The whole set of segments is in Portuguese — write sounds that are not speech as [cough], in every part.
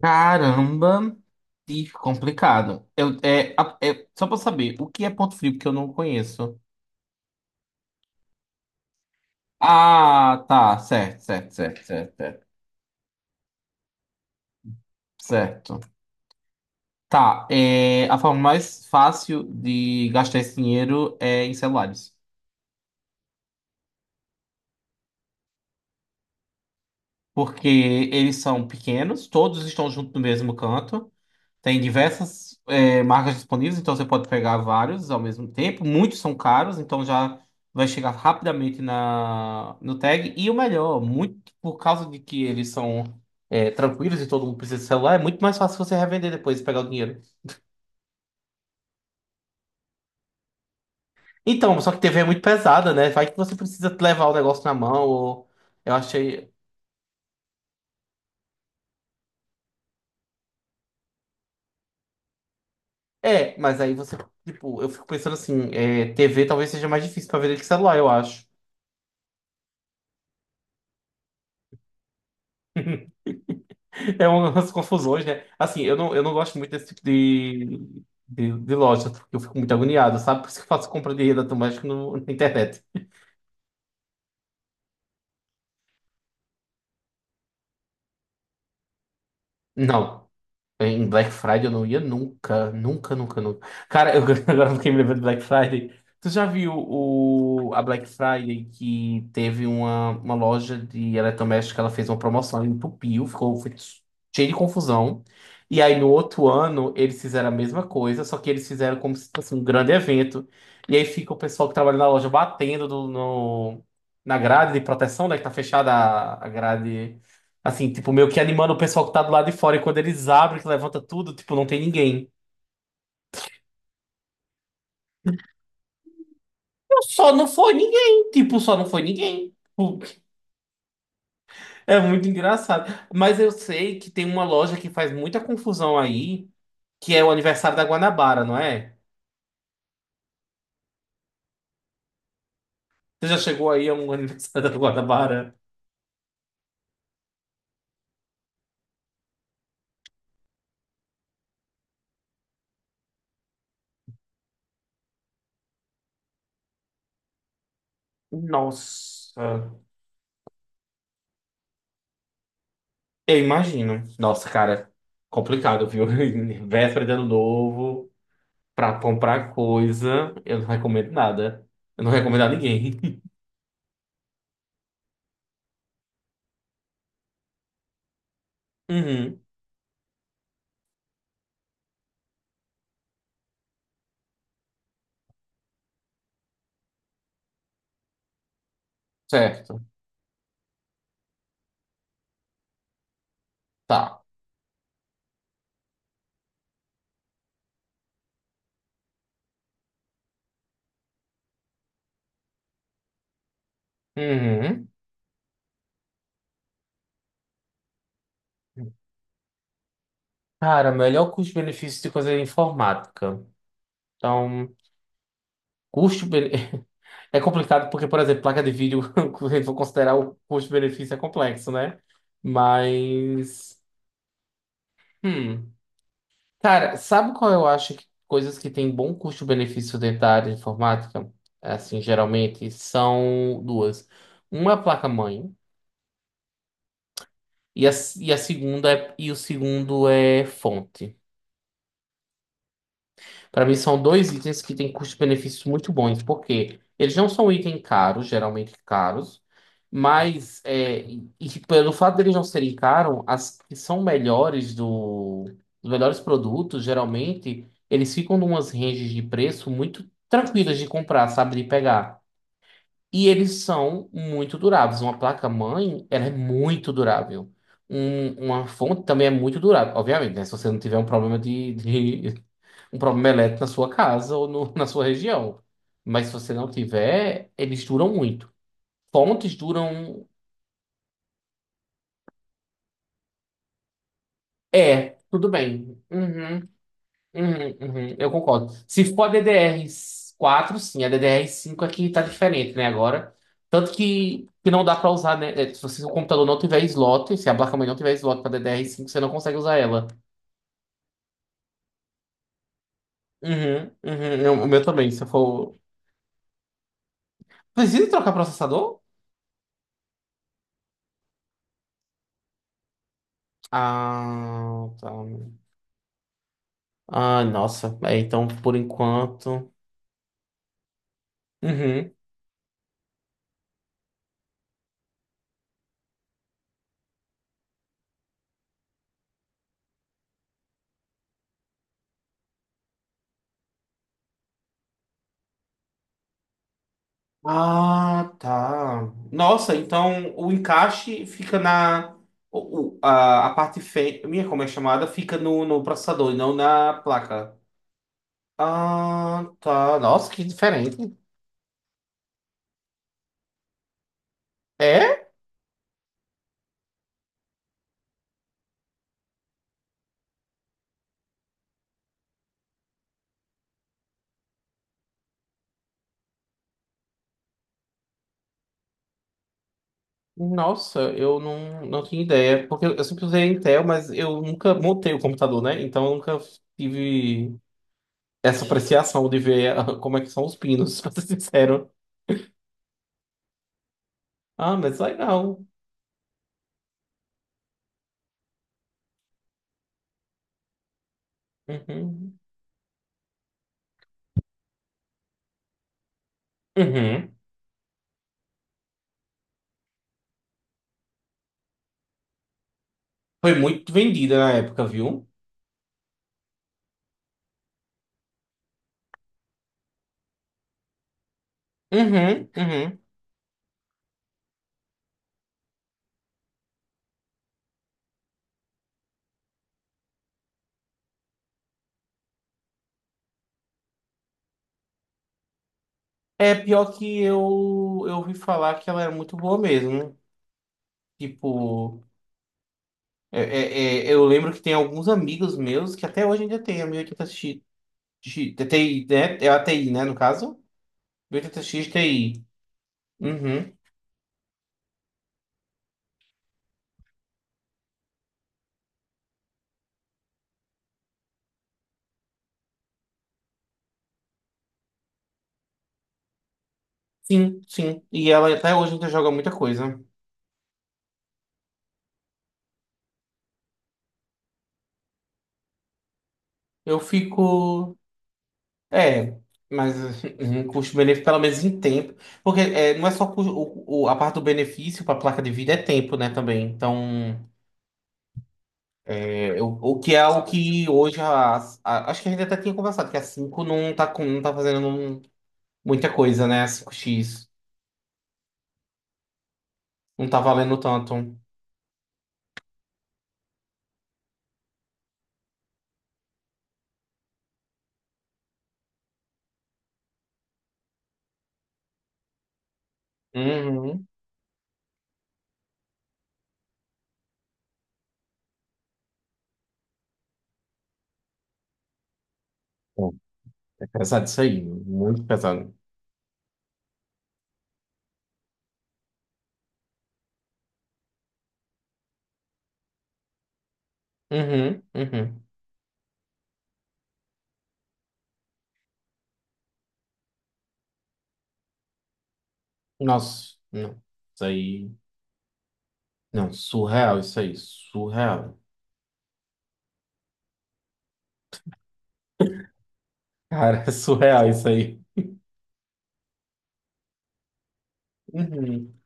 Caramba, que complicado. Eu, só pra eu saber, o que é ponto frio que eu não conheço? Ah, tá, certo, certo, certo, certo, certo. Certo. Tá, a forma mais fácil de gastar esse dinheiro é em celulares. Porque eles são pequenos, todos estão juntos no mesmo canto. Tem diversas marcas disponíveis, então você pode pegar vários ao mesmo tempo. Muitos são caros, então já vai chegar rapidamente no tag. E o melhor, muito por causa de que eles são tranquilos e todo mundo precisa de celular, é muito mais fácil você revender depois e pegar o dinheiro. Então, só que TV é muito pesada, né? Vai que você precisa levar o negócio na mão, ou eu achei. É, mas aí você, tipo, eu fico pensando assim, TV talvez seja mais difícil para vender que celular, eu acho. [laughs] É umas confusões, né? Assim, eu não gosto muito desse tipo de loja, porque eu fico muito agoniado, sabe? Por isso que eu faço compra de rede automática na internet. Não. Em Black Friday eu não ia nunca, nunca, nunca, nunca. Cara, eu [laughs] agora eu fiquei me lembrando de Black Friday. Tu já viu a Black Friday que teve uma loja de eletrodoméstico que ela fez uma promoção, ela entupiu, ficou foi cheio de confusão. E aí no outro ano eles fizeram a mesma coisa, só que eles fizeram como se fosse um grande evento. E aí fica o pessoal que trabalha na loja batendo do- no, na grade de proteção, né, que tá fechada a grade. Assim, tipo, meio que animando o pessoal que tá do lado de fora. E quando eles abrem, que levanta tudo, tipo, não tem ninguém. Eu só não foi ninguém. Tipo, só não foi ninguém. Tipo, é muito engraçado. Mas eu sei que tem uma loja que faz muita confusão aí, que é o aniversário da Guanabara, não é? Você já chegou aí a um [laughs] aniversário da Guanabara? Nossa. Eu imagino. Nossa, cara, complicado, viu? [laughs] Véspera de ano novo, pra comprar coisa, eu não recomendo nada. Eu não recomendo a ninguém. [laughs] Uhum. Certo. Tá. Uhum. Cara, melhor custo-benefício de coisa de informática. Então, custo bene- [laughs] é complicado porque, por exemplo, placa de vídeo, [laughs] se a gente for considerar o custo-benefício é complexo, né? Mas, hum. Cara, sabe qual eu acho que coisas que têm bom custo-benefício dentro da área de informática? Assim, geralmente são duas. Uma é a placa-mãe e a, e a segunda é, e o segundo é fonte. Para mim, são dois itens que têm custos-benefícios muito bons, porque eles não são itens caros, geralmente caros, mas e pelo fato deles não serem caros, as que são melhores do, os melhores produtos, geralmente, eles ficam numas ranges de preço muito tranquilas de comprar, sabe, de pegar. E eles são muito duráveis. Uma placa-mãe, ela é muito durável. Uma fonte também é muito durável, obviamente, né? Se você não tiver um problema um problema elétrico na sua casa ou na sua região. Mas se você não tiver, eles duram muito. Fontes duram. É, tudo bem. Uhum, uhum, uhum, eu concordo. Se for a DDR4, sim, a DDR5 aqui tá diferente, né, agora. Tanto que não dá pra usar, né? É, se o computador não tiver slot, se a placa-mãe não tiver slot pra DDR5, você não consegue usar ela. Uhum, uhum, o meu também, se eu for. Precisa trocar processador? Ah, tá. Ah, nossa. É, então, por enquanto. Uhum. Ah, tá. Nossa, então o encaixe fica na. A parte fêmea, como é chamada, fica no processador e não na placa. Ah, tá. Nossa, que diferente. É? Nossa, eu não tinha ideia. Porque eu sempre usei Intel, mas eu nunca montei o computador, né? Então eu nunca tive essa apreciação de ver como é que são os pinos, [laughs] pra ser sincero. Ah, mas legal. Uhum. Uhum. Foi muito vendida na época, viu? Uhum, uhum. É pior que eu ouvi falar que ela era muito boa mesmo, né? Tipo, eu lembro que tem alguns amigos meus que até hoje ainda tem a 1080 x TI, né? É a TI, né, no caso? 1080 x TI. Uhum. Sim, sim. E ela até hoje ainda joga muita coisa. Eu fico. É, mas um custo-benefício, pelo menos em tempo. Porque não é só a parte do benefício para a placa de vida é tempo, né, também. Então, o que é algo que hoje acho que a gente até tinha conversado, que a 5 não tá, não tá fazendo muita coisa, né? A 5X não tá valendo tanto. Uhum. Pô, é pesado isso aí, muito pesado. Uhum, uhum. Nossa, não. Isso aí. Não, surreal isso aí, surreal. Cara, [laughs] é surreal isso aí. Uhum.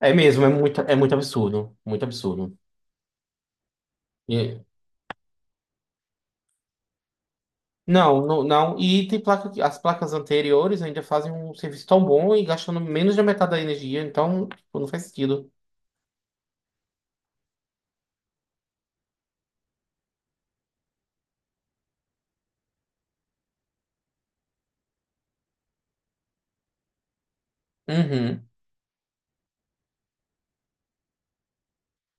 É mesmo, é muito absurdo, muito absurdo. E- não, não, não. E tem placa que as placas anteriores ainda fazem um serviço tão bom e gastando menos da metade da energia, então tipo, não faz sentido. Uhum.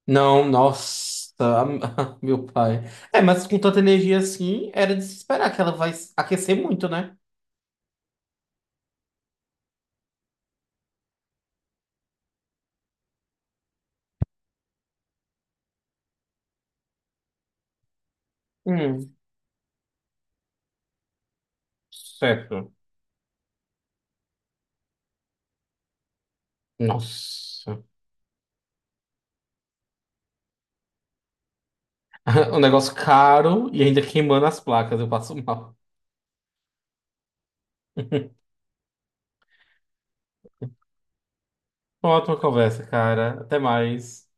Não, nossa, [laughs] meu pai. É, mas com tanta energia assim, era de se esperar que ela vai aquecer muito, né? Hum, certo. Nossa. [laughs] Um negócio caro e ainda queimando as placas, eu passo mal. [laughs] Ótima conversa, cara. Até mais.